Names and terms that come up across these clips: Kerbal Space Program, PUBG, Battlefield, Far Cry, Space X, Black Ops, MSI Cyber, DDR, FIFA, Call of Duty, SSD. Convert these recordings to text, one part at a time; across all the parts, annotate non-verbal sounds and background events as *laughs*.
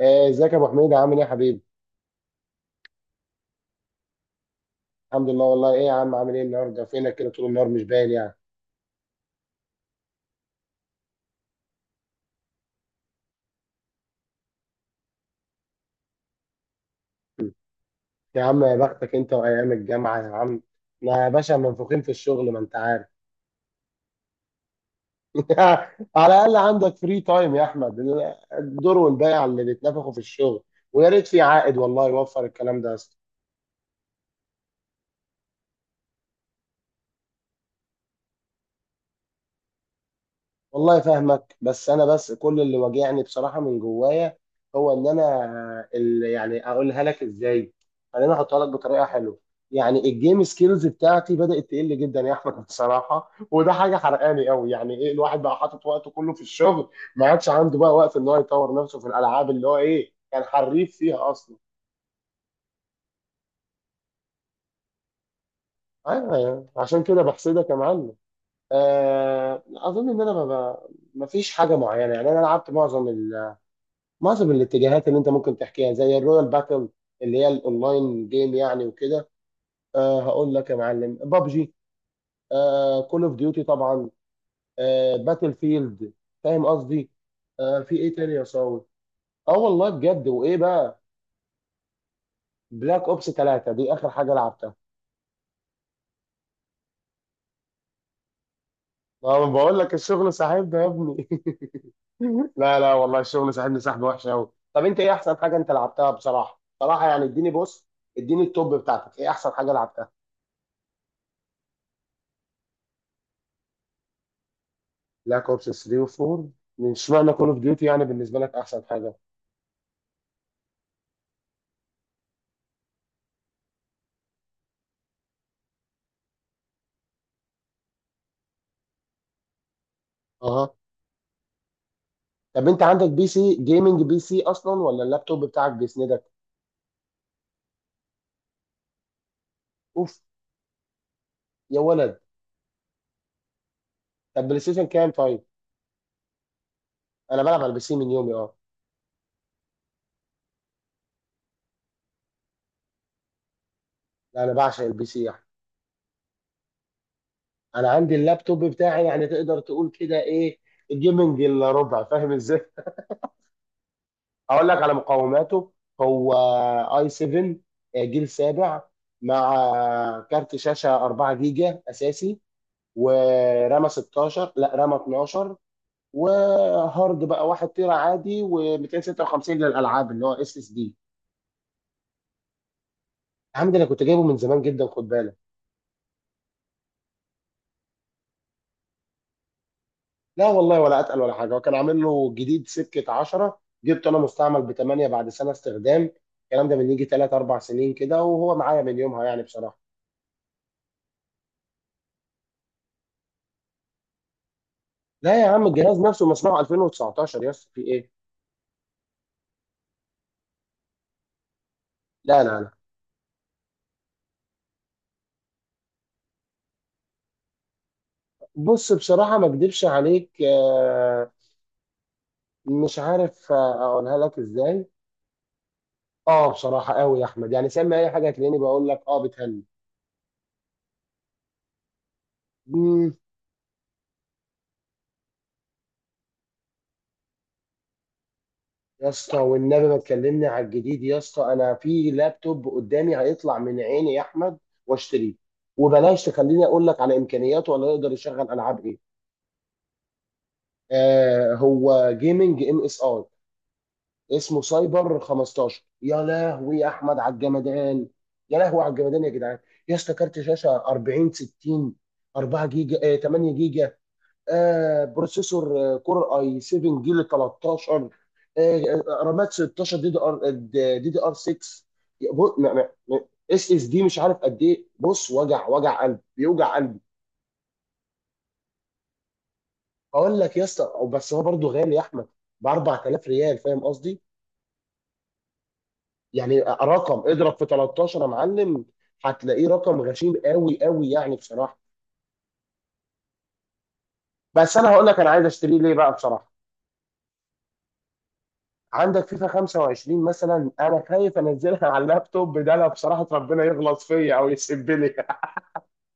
ازيك يا ابو حميد، عامل ايه يا حبيبي؟ الحمد لله والله. ايه يا عم، عامل ايه النهارده؟ فينك كده طول النهار مش باين يعني. م. يا عم يا بختك انت وايام الجامعه يا عم. احنا يا باشا منفوخين في الشغل، ما انت عارف. *laughs* على الاقل عندك فري تايم يا احمد. الدور والبيع اللي بيتنفخوا في الشغل، ويا ريت في عائد والله يوفر الكلام ده. والله فاهمك، بس انا كل اللي واجعني بصراحه من جوايا هو ان انا اللي، يعني اقولها لك ازاي، خليني احطها لك بطريقه حلوه. يعني الجيم سكيلز بتاعتي بدات تقل جدا يا احمد بصراحه، وده حاجه حرقاني قوي. يعني ايه الواحد بقى حاطط وقته كله في الشغل، ما عادش عنده بقى وقت ان هو يطور نفسه في الالعاب اللي هو ايه، كان حريف فيها اصلا. ايوه، يعني عشان كده بحسدك يا معلم. اظن ان انا ما ما فيش حاجه معينه يعني. انا لعبت معظم الاتجاهات اللي انت ممكن تحكيها، زي الرويال باتل اللي هي الاونلاين جيم يعني، وكده. أه هقول لك يا معلم، بابجي، أه كول اوف ديوتي طبعا، أه باتل فيلد. فاهم قصدي؟ أه في ايه تاني يا صاوي؟ اه والله بجد. وايه بقى، بلاك اوبس 3 دي اخر حاجه لعبتها. ما أنا بقول لك الشغل ساحبنا يا ابني. *laughs* لا لا والله الشغل ساحبني سحبه وحشه قوي. طب انت ايه احسن حاجه انت لعبتها بصراحه بصراحه يعني؟ اديني بص، اديني التوب بتاعتك، ايه احسن حاجه لعبتها؟ بلاك اوبس 3 و4. من اشمعنى كول اوف ديوتي يعني بالنسبه لك احسن حاجه؟ اها. طب انت عندك بي سي، جيمنج بي سي اصلا، ولا اللابتوب بتاعك بيسندك؟ اوف، يا ولد. طب بلاي ستيشن كام طيب؟ انا بلعب على البي سي من يومي، اه. لا انا بعشق البي سي يعني. انا عندي اللابتوب بتاعي، يعني تقدر تقول كده ايه، الجيمنج الا ربع، فاهم ازاي. اقول لك على مقاوماته. هو اي 7، جيل سابع، مع كارت شاشه 4 جيجا اساسي، ورامه 16 لا رامه 12، وهارد بقى 1 تيرا عادي و256 للالعاب اللي هو اس اس دي. يا عم، ده انا كنت جايبه من زمان جدا، خد بالك. لا والله ولا اتقل ولا حاجه، وكان عامل له جديد سكه 10، جبته انا مستعمل ب 8 بعد سنه استخدام. الكلام ده من يجي 3 4 سنين كده، وهو معايا من يومها يعني بصراحه. لا يا عم، الجهاز نفسه مصنوع 2019 يا اسطى، في ايه. لا. بص، بصراحه ما اكدبش عليك، مش عارف اقولها لك ازاي. اه بصراحه قوي يا احمد يعني، سمي اي حاجه هتلاقيني بقول لك اه بتهني. مم. يا اسطى والنبي ما تكلمني على الجديد يا اسطى، انا في لابتوب قدامي هيطلع من عيني يا احمد، واشتريه. وبلاش تخليني اقول لك على امكانياته، ولا يقدر يشغل العاب ايه. آه هو جيمنج ام اس اي، اسمه سايبر 15. يا لهوي يا احمد على الجمدان، يا لهوي على الجمدان يا جدعان. يا اسطى، كارت شاشه 40 60، 4 جيجا آه 8 جيجا، آه بروسيسور كور اي 7 جيل 13، رامات 16 دي دي ار 6، اس اس دي مش عارف قد ايه. بص، وجع قلب، بيوجع قلبي. اقول لك يا اسطى، بس هو برضه غالي يا احمد، ب 4000 ريال، فاهم قصدي؟ يعني رقم، اضرب في 13 يا معلم، هتلاقيه رقم غشيم قوي قوي يعني بصراحه. بس انا هقول لك انا عايز اشتريه ليه بقى بصراحه. عندك فيفا 25 مثلا، انا خايف انزلها *laughs* على اللابتوب ده، لو بصراحه ربنا يغلط فيا او يسيب لي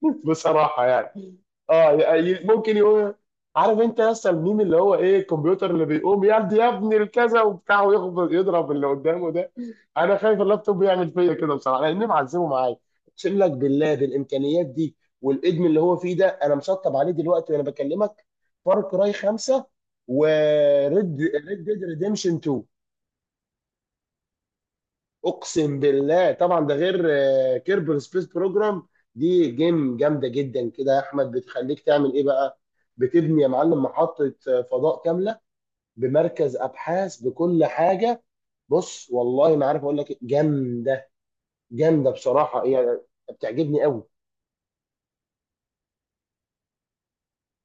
*laughs* بصراحه يعني. اه ممكن يقول. عارف انت يا اسطى الميم اللي هو ايه، الكمبيوتر اللي بيقوم يدي يا ابني الكذا وبتاع ويخبط يضرب اللي قدامه ده؟ انا خايف اللابتوب يعمل فيا كده بصراحه، لاني معذبه معايا. اقسم لك بالله بالامكانيات دي والادم اللي هو فيه ده. انا مسطب عليه دلوقتي وانا بكلمك، فار كراي 5، وريد، ريد ديد ريديمشن 2. اقسم بالله. طبعا ده غير كيربر سبيس بروجرام. دي جيم جامده جدا كده يا احمد، بتخليك تعمل ايه بقى، بتبني يا معلم محطه فضاء كامله، بمركز ابحاث، بكل حاجه. بص والله ما عارف اقول لك إيه، جامده، جامده بصراحه هي، بتعجبني قوي.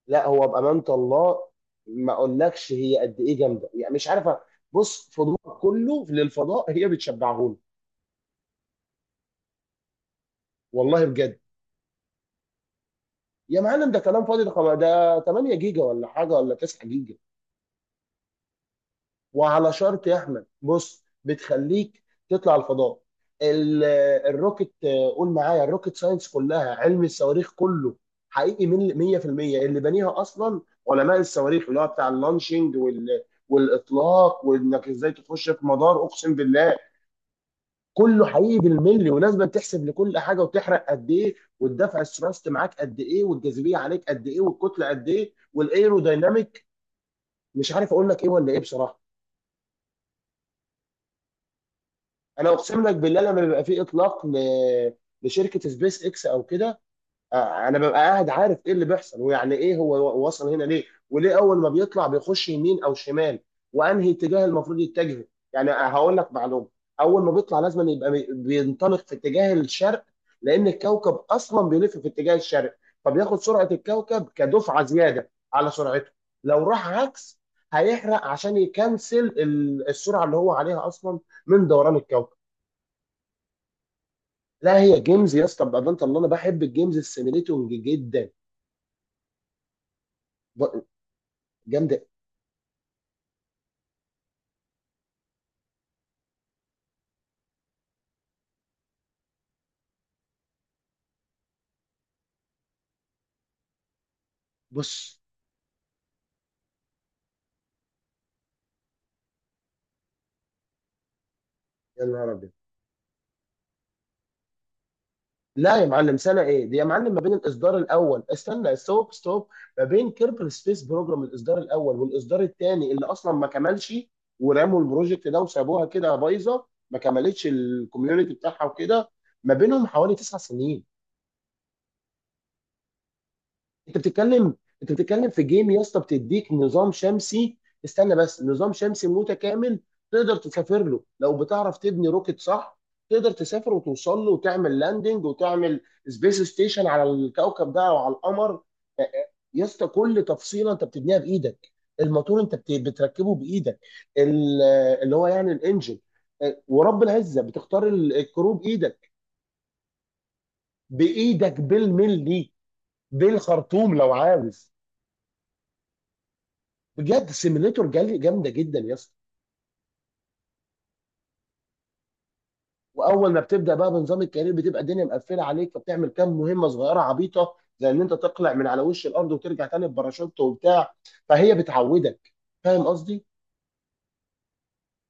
لا هو بامانه الله ما اقولكش هي قد ايه جامده يعني، مش عارفه. بص، فضول كله للفضاء هي بتشبعهولي. والله بجد. يا معلم ده كلام فاضي ده. ده 8 جيجا ولا حاجه، ولا 9 جيجا. وعلى شرط يا احمد بص بتخليك تطلع الفضاء. ال- الروكت قول معايا، الروكت ساينس، كلها علم الصواريخ كله، حقيقي من 100% اللي بنيها اصلا علماء الصواريخ، اللي هو بتاع اللانشنج وال، والاطلاق، وانك ازاي تخش في مدار. اقسم بالله كله حقيقي بالملي، ولازم تحسب لكل حاجه، وتحرق قد ايه، والدفع الثرست معاك قد ايه، والجاذبيه عليك قد ايه، والكتله قد ايه، والايرودايناميك، مش عارف اقول لك ايه ولا ايه بصراحه. انا اقسم لك بالله لما بيبقى في اطلاق ل... لشركه سبيس اكس او كده، انا ببقى قاعد عارف ايه اللي بيحصل، ويعني ايه هو وصل هنا ليه، وليه اول ما بيطلع بيخش يمين او شمال، وانهي اتجاه المفروض يتجهه. يعني هقول لك معلومه، اول ما بيطلع لازم يبقى بينطلق في اتجاه الشرق، لان الكوكب اصلا بيلف في اتجاه الشرق، فبياخد سرعه الكوكب كدفعه زياده على سرعته. لو راح عكس هيحرق عشان يكنسل السرعه اللي هو عليها اصلا من دوران الكوكب. لا هي جيمز يا اسطى بقى، ده انت اللي، انا بحب الجيمز السيميليتنج جدا، جامده. بص، يا نهار ابيض. لا يا معلم سنه ايه دي يا معلم، ما بين الاصدار الاول، استنى، ستوب. ما بين كيربل سبيس بروجرام الاصدار الاول والاصدار الثاني اللي اصلا ما كملش، ورموا البروجكت ده وسابوها كده بايظه، ما كملتش الكوميونتي بتاعها وكده، ما بينهم حوالي تسع سنين. انت بتتكلم انت بتتكلم في جيم يا اسطى بتديك نظام شمسي، استنى بس، نظام شمسي متكامل، تقدر تسافر له لو بتعرف تبني روكت صح، تقدر تسافر وتوصل له وتعمل لاندنج وتعمل سبيس ستيشن على الكوكب ده او على القمر. آه، يا اسطى كل تفصيله انت بتبنيها بايدك، الموتور انت بتركبه بايدك، ال- اللي هو يعني الانجن. ورب العزه بتختار الكرو بايدك، بايدك بالملي، بالخرطوم لو عاوز. بجد سيميليتور، جامده جدا يا اسطى. واول ما بتبدا بقى بنظام الكارير، بتبقى الدنيا مقفله عليك، فبتعمل كام مهمه صغيره عبيطه، زي ان انت تقلع من على وش الارض وترجع تاني بباراشوت وبتاع، فهي بتعودك. فاهم قصدي؟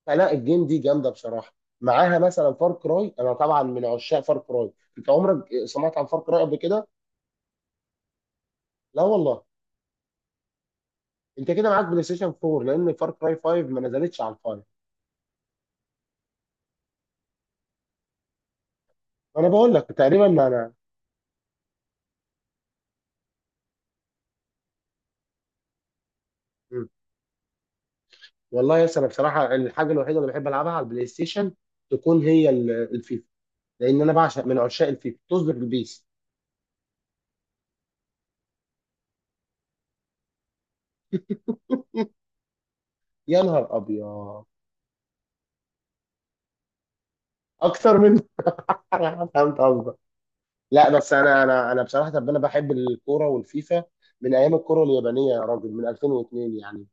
فلا، الجيم دي جامده بصراحه. معاها مثلا فار كراي، انا طبعا من عشاق فار كراي. انت عمرك سمعت عن فار كراي قبل كده؟ لا والله. انت كده معاك بلاي ستيشن 4، لان فار كراي 5 ما نزلتش على الفايف. انا بقول لك تقريبا انا. والله يا اسطى، انا بصراحه الحاجه الوحيده اللي بحب العبها على البلاي ستيشن تكون هي الفيفا، لان انا بعشق، من عشاق الفيفا، تصدر البيس. يا نهار ابيض. اكتر من *laughs* انا فهمت قصدك. لا بس انا، انا بصراحه، طب انا بحب الكوره والفيفا من ايام الكوره اليابانيه يا راجل، من 2002 يعني.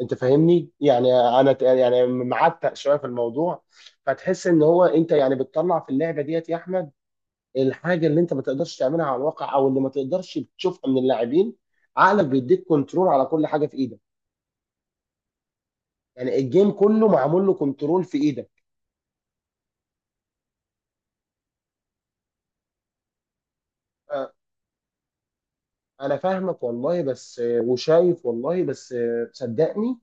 انت فاهمني يعني، انا يعني معتق شويه في الموضوع. فتحس ان هو انت يعني بتطلع في اللعبه ديت يا احمد، الحاجه اللي انت ما تقدرش تعملها على الواقع، او اللي ما تقدرش تشوفها من اللاعبين. عقلك بيديك كنترول على كل حاجه في ايدك، يعني الجيم كله معمول له كنترول في ايدك. أ- انا فاهمك والله، بس وشايف، والله بس صدقني،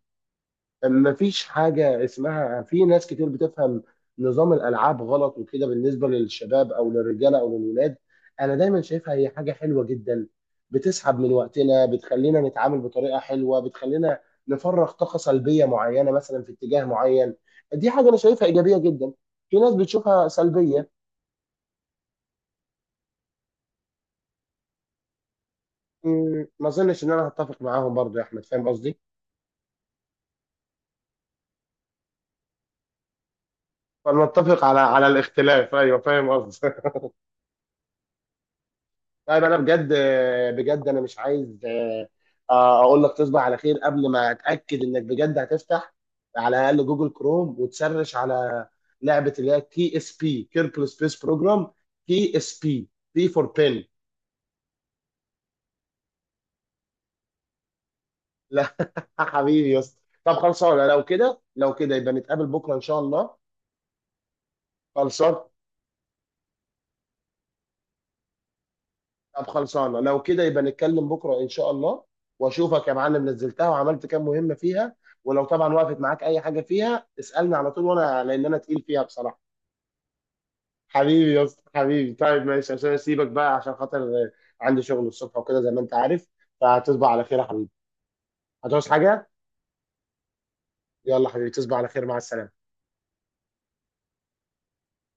مفيش حاجة اسمها، في ناس كتير بتفهم نظام الألعاب غلط وكده بالنسبة للشباب أو للرجالة أو للولاد. أنا دايما شايفها هي حاجة حلوة جدا، بتسحب من وقتنا، بتخلينا نتعامل بطريقة حلوة، بتخلينا نفرغ طاقة سلبية معينة مثلا في اتجاه معين. دي حاجة أنا شايفها إيجابية جدا، في ناس بتشوفها سلبية. ما أظنش إن أنا هتفق معاهم برضو يا أحمد، فاهم قصدي؟ فنتفق على الاختلاف، أيوه فاهم قصدي. طيب انا بجد، بجد انا مش عايز، اقول لك تصبح على خير قبل ما اتاكد انك بجد هتفتح على الاقل جوجل كروم وتسرش على لعبه اللي هي تي اس بي كيركل سبيس بروجرام، تي اس بي، بي فور بين. لا *laughs* حبيبي يا اسطى. طب خلصانه لو كده، لو كده يبقى نتقابل بكره ان شاء الله. خلصان. طب خلصانه لو كده يبقى نتكلم بكره ان شاء الله، واشوفك يا معلم نزلتها وعملت كام مهمه فيها. ولو طبعا وقفت معاك اي حاجه فيها اسالني على طول، وانا، لان انا تقيل فيها بصراحه. حبيبي يا اسطى، حبيبي، طيب ماشي عشان اسيبك بقى عشان خاطر عندي شغل الصبح وكده زي ما انت عارف. فهتصبح على خير يا حبيبي. هتعوز حاجه؟ يلا حبيبي تصبح على خير، مع السلامه.